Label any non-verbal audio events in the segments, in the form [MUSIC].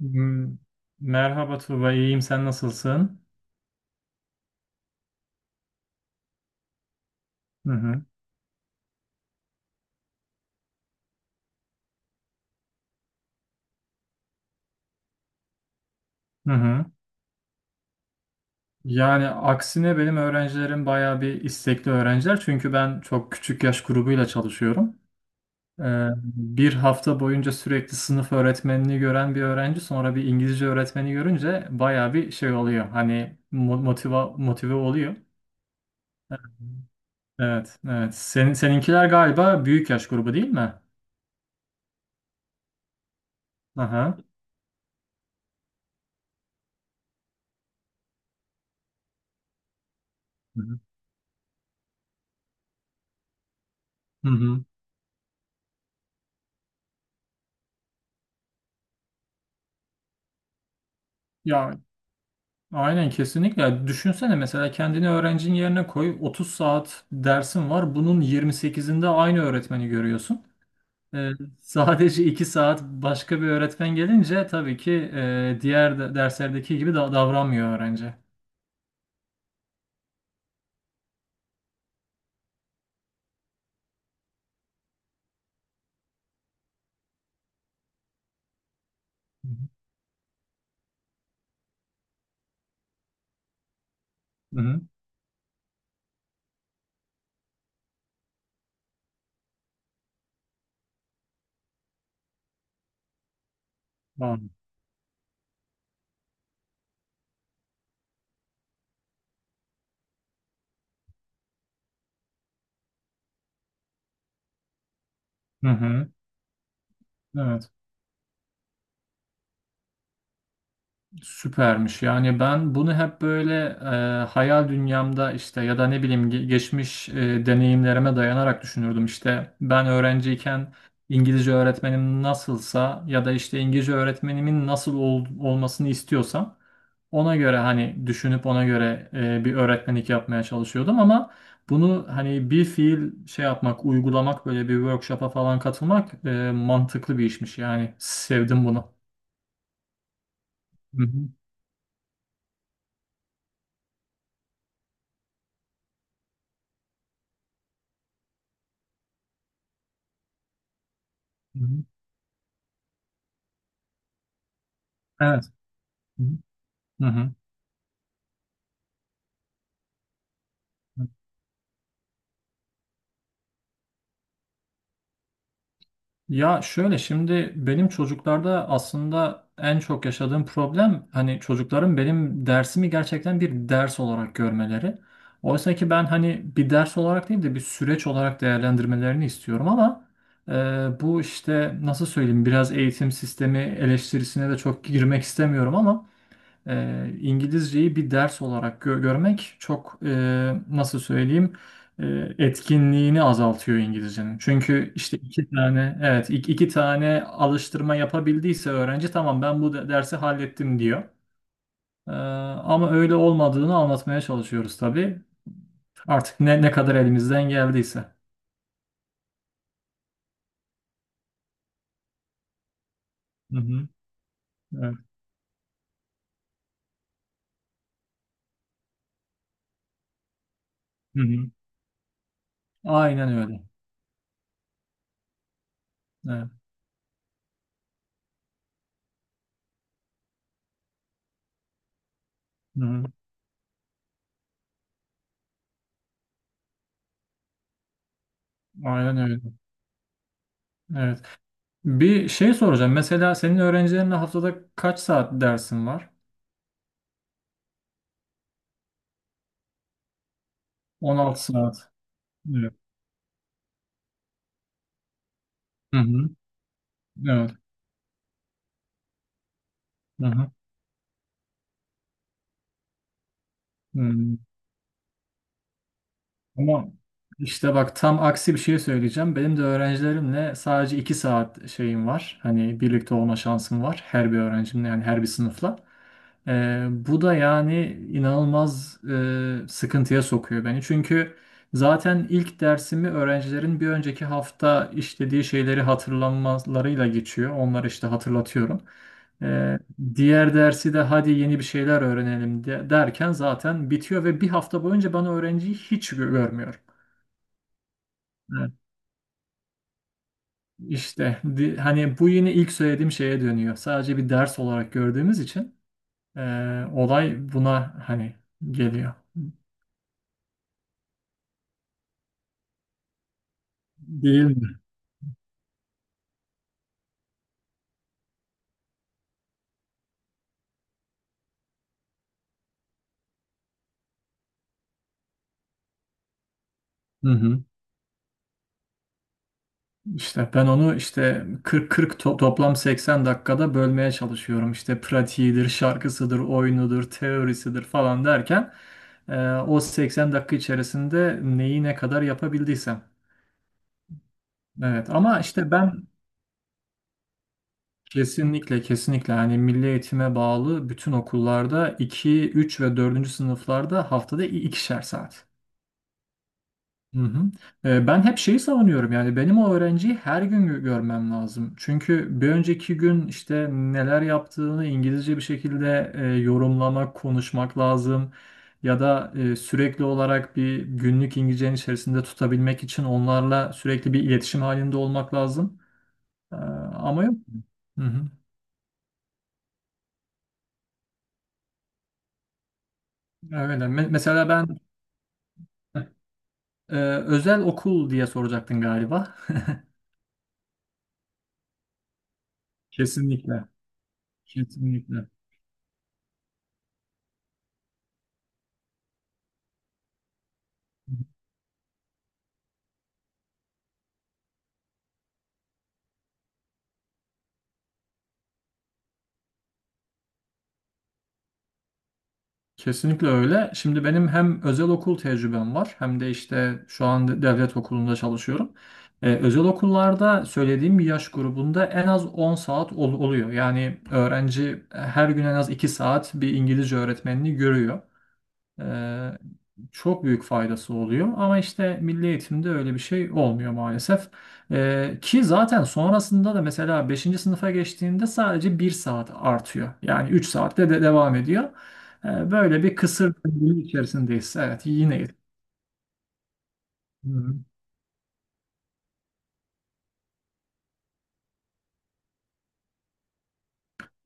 M- Merhaba Tuğba, iyiyim. Sen nasılsın? Hı hı. Hı hı. Yani aksine benim öğrencilerim bayağı bir istekli öğrenciler. Çünkü ben çok küçük yaş grubuyla çalışıyorum. Bir hafta boyunca sürekli sınıf öğretmenini gören bir öğrenci sonra bir İngilizce öğretmeni görünce bayağı bir şey oluyor. Hani mo- motiva motive oluyor. Evet, evet. Seninkiler galiba büyük yaş grubu, değil mi? Aha. Hı hı. Hı hı. Ya, aynen kesinlikle. Ya, düşünsene mesela kendini öğrencinin yerine koy. 30 saat dersin var. Bunun 28'inde aynı öğretmeni görüyorsun. Ee, [LAUGHS] sadece 2 saat başka bir öğretmen gelince tabii ki, diğer derslerdeki gibi davranmıyor öğrenci. Hı hı. Hı hı. Anladım. Hı hı. Evet. Süpermiş. Yani ben bunu hep böyle hayal dünyamda işte ya da ne bileyim geçmiş deneyimlerime dayanarak düşünürdüm. İşte ben öğrenciyken İngilizce öğretmenim nasılsa ya da işte İngilizce öğretmenimin nasıl olmasını istiyorsam ona göre hani düşünüp ona göre bir öğretmenlik yapmaya çalışıyordum ama bunu hani bir fiil şey yapmak, uygulamak, böyle bir workshop'a falan katılmak mantıklı bir işmiş. Yani sevdim bunu. Hı hı, hı hı. Evet. Hı hı. Ya, şöyle, şimdi benim çocuklarda aslında en çok yaşadığım problem hani çocukların benim dersimi gerçekten bir ders olarak görmeleri. Oysa ki ben hani bir ders olarak değil de bir süreç olarak değerlendirmelerini istiyorum ama bu işte nasıl söyleyeyim, biraz eğitim sistemi eleştirisine de çok girmek istemiyorum ama İngilizceyi bir ders olarak görmek çok nasıl söyleyeyim, e, etkinliğini azaltıyor İngilizcenin. Çünkü işte iki tane, evet, iki tane alıştırma yapabildiyse öğrenci, tamam ben bu dersi hallettim diyor. E, Ama öyle olmadığını anlatmaya çalışıyoruz tabii. Artık ne kadar elimizden geldiyse. Hı hı. Evet. Hı hı. Aynen öyle. Evet. Hı hı. Aynen öyle. Evet. Bir şey soracağım. Mesela senin öğrencilerinle haftada kaç saat dersin var? 16 saat. Evet. Hı hı. Evet. Hı hı. Hı. Ama işte bak, tam aksi bir şey söyleyeceğim. Benim de öğrencilerimle sadece iki saat şeyim var. Hani birlikte olma şansım var. Her bir öğrencimle, yani her bir sınıfla. Bu da yani inanılmaz sıkıntıya sokuyor beni. Çünkü zaten ilk dersimi öğrencilerin bir önceki hafta işlediği şeyleri hatırlamalarıyla geçiyor. Onları işte hatırlatıyorum. Ee, Diğer dersi de hadi yeni bir şeyler öğrenelim derken zaten bitiyor ve bir hafta boyunca ben öğrenciyi hiç görmüyorum. Evet. İşte hani bu yine ilk söylediğim şeye dönüyor. Sadece bir ders olarak gördüğümüz için e, olay buna hani geliyor. Değil mi? Hı hı. İşte ben onu işte 40-40, toplam 80 dakikada bölmeye çalışıyorum. İşte pratiğidir, şarkısıdır, oyunudur, teorisidir falan derken o 80 dakika içerisinde neyi ne kadar yapabildiysem. Evet ama işte ben, kesinlikle kesinlikle hani milli eğitime bağlı bütün okullarda 2, 3 ve dördüncü sınıflarda haftada ikişer saat. Hı hı. Ben hep şeyi savunuyorum, yani benim o öğrenciyi her gün görmem lazım. Çünkü bir önceki gün işte neler yaptığını İngilizce bir şekilde yorumlamak, konuşmak lazım. Ya da sürekli olarak bir günlük İngilizcenin içerisinde tutabilmek için onlarla sürekli bir iletişim halinde olmak lazım. Ama yok. Hı hı. Öyle. Mesela ben, özel okul diye soracaktın galiba. [LAUGHS] Kesinlikle. Kesinlikle. Kesinlikle öyle. Şimdi benim hem özel okul tecrübem var hem de işte şu an devlet okulunda çalışıyorum. Özel okullarda söylediğim yaş grubunda en az 10 saat oluyor. Yani öğrenci her gün en az 2 saat bir İngilizce öğretmenini görüyor. E, Çok büyük faydası oluyor ama işte milli eğitimde öyle bir şey olmuyor maalesef. Ki zaten sonrasında da mesela beşinci sınıfa geçtiğinde sadece bir saat artıyor. Yani 3 saatte de devam ediyor. Böyle bir kısır döngünün içerisindeyiz. Evet, yine. Hı.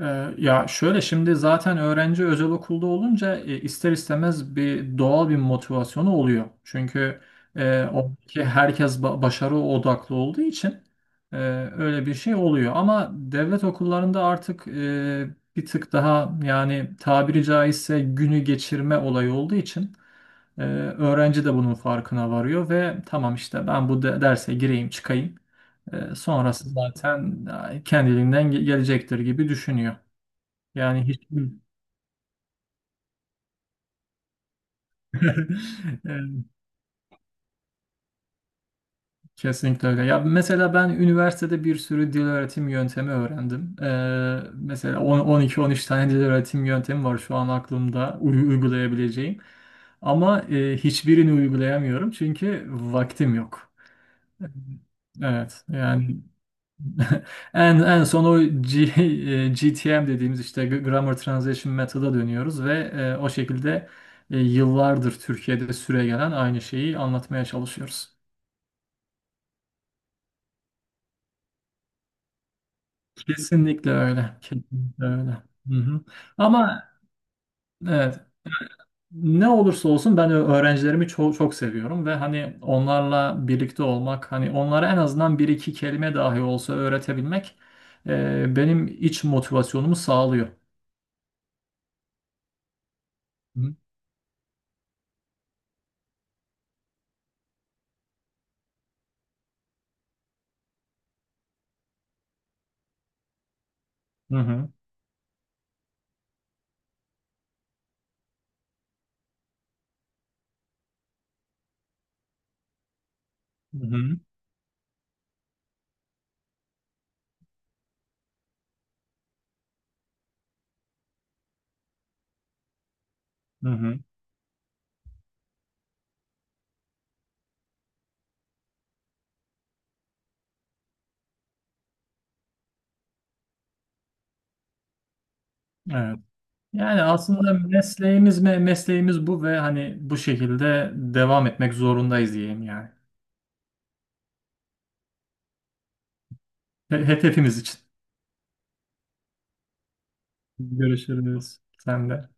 Ya, şöyle, şimdi zaten öğrenci özel okulda olunca ister istemez bir doğal bir motivasyonu oluyor. Çünkü oradaki herkes başarı odaklı olduğu için e, öyle bir şey oluyor. Ama devlet okullarında artık bir tık daha, yani tabiri caizse günü geçirme olayı olduğu için öğrenci de bunun farkına varıyor ve tamam işte ben bu derse gireyim çıkayım. Sonrası zaten kendiliğinden gelecektir gibi düşünüyor. Yani hiç. [LAUGHS] Evet, kesinlikle öyle. Ya, mesela ben üniversitede bir sürü dil öğretim yöntemi öğrendim. Mesela 12-13 tane dil öğretim yöntemi var şu an aklımda uygulayabileceğim. Ama hiçbirini uygulayamıyorum çünkü vaktim yok. Evet, yani. [LAUGHS] En son o GTM dediğimiz işte Grammar Translation Method'a dönüyoruz ve o şekilde yıllardır Türkiye'de süregelen aynı şeyi anlatmaya çalışıyoruz. Kesinlikle öyle. Kesinlikle öyle. Hı hı. Ama evet, ne olursa olsun ben öğrencilerimi çok çok seviyorum ve hani onlarla birlikte olmak, hani onlara en azından bir iki kelime dahi olsa öğretebilmek benim iç motivasyonumu sağlıyor. Hı hı. Hı hı. Hı hı. Hı hı. Evet. Yani aslında mesleğimiz bu ve hani bu şekilde devam etmek zorundayız diyeyim yani. Hepimiz için. Görüşürüz. Sen de.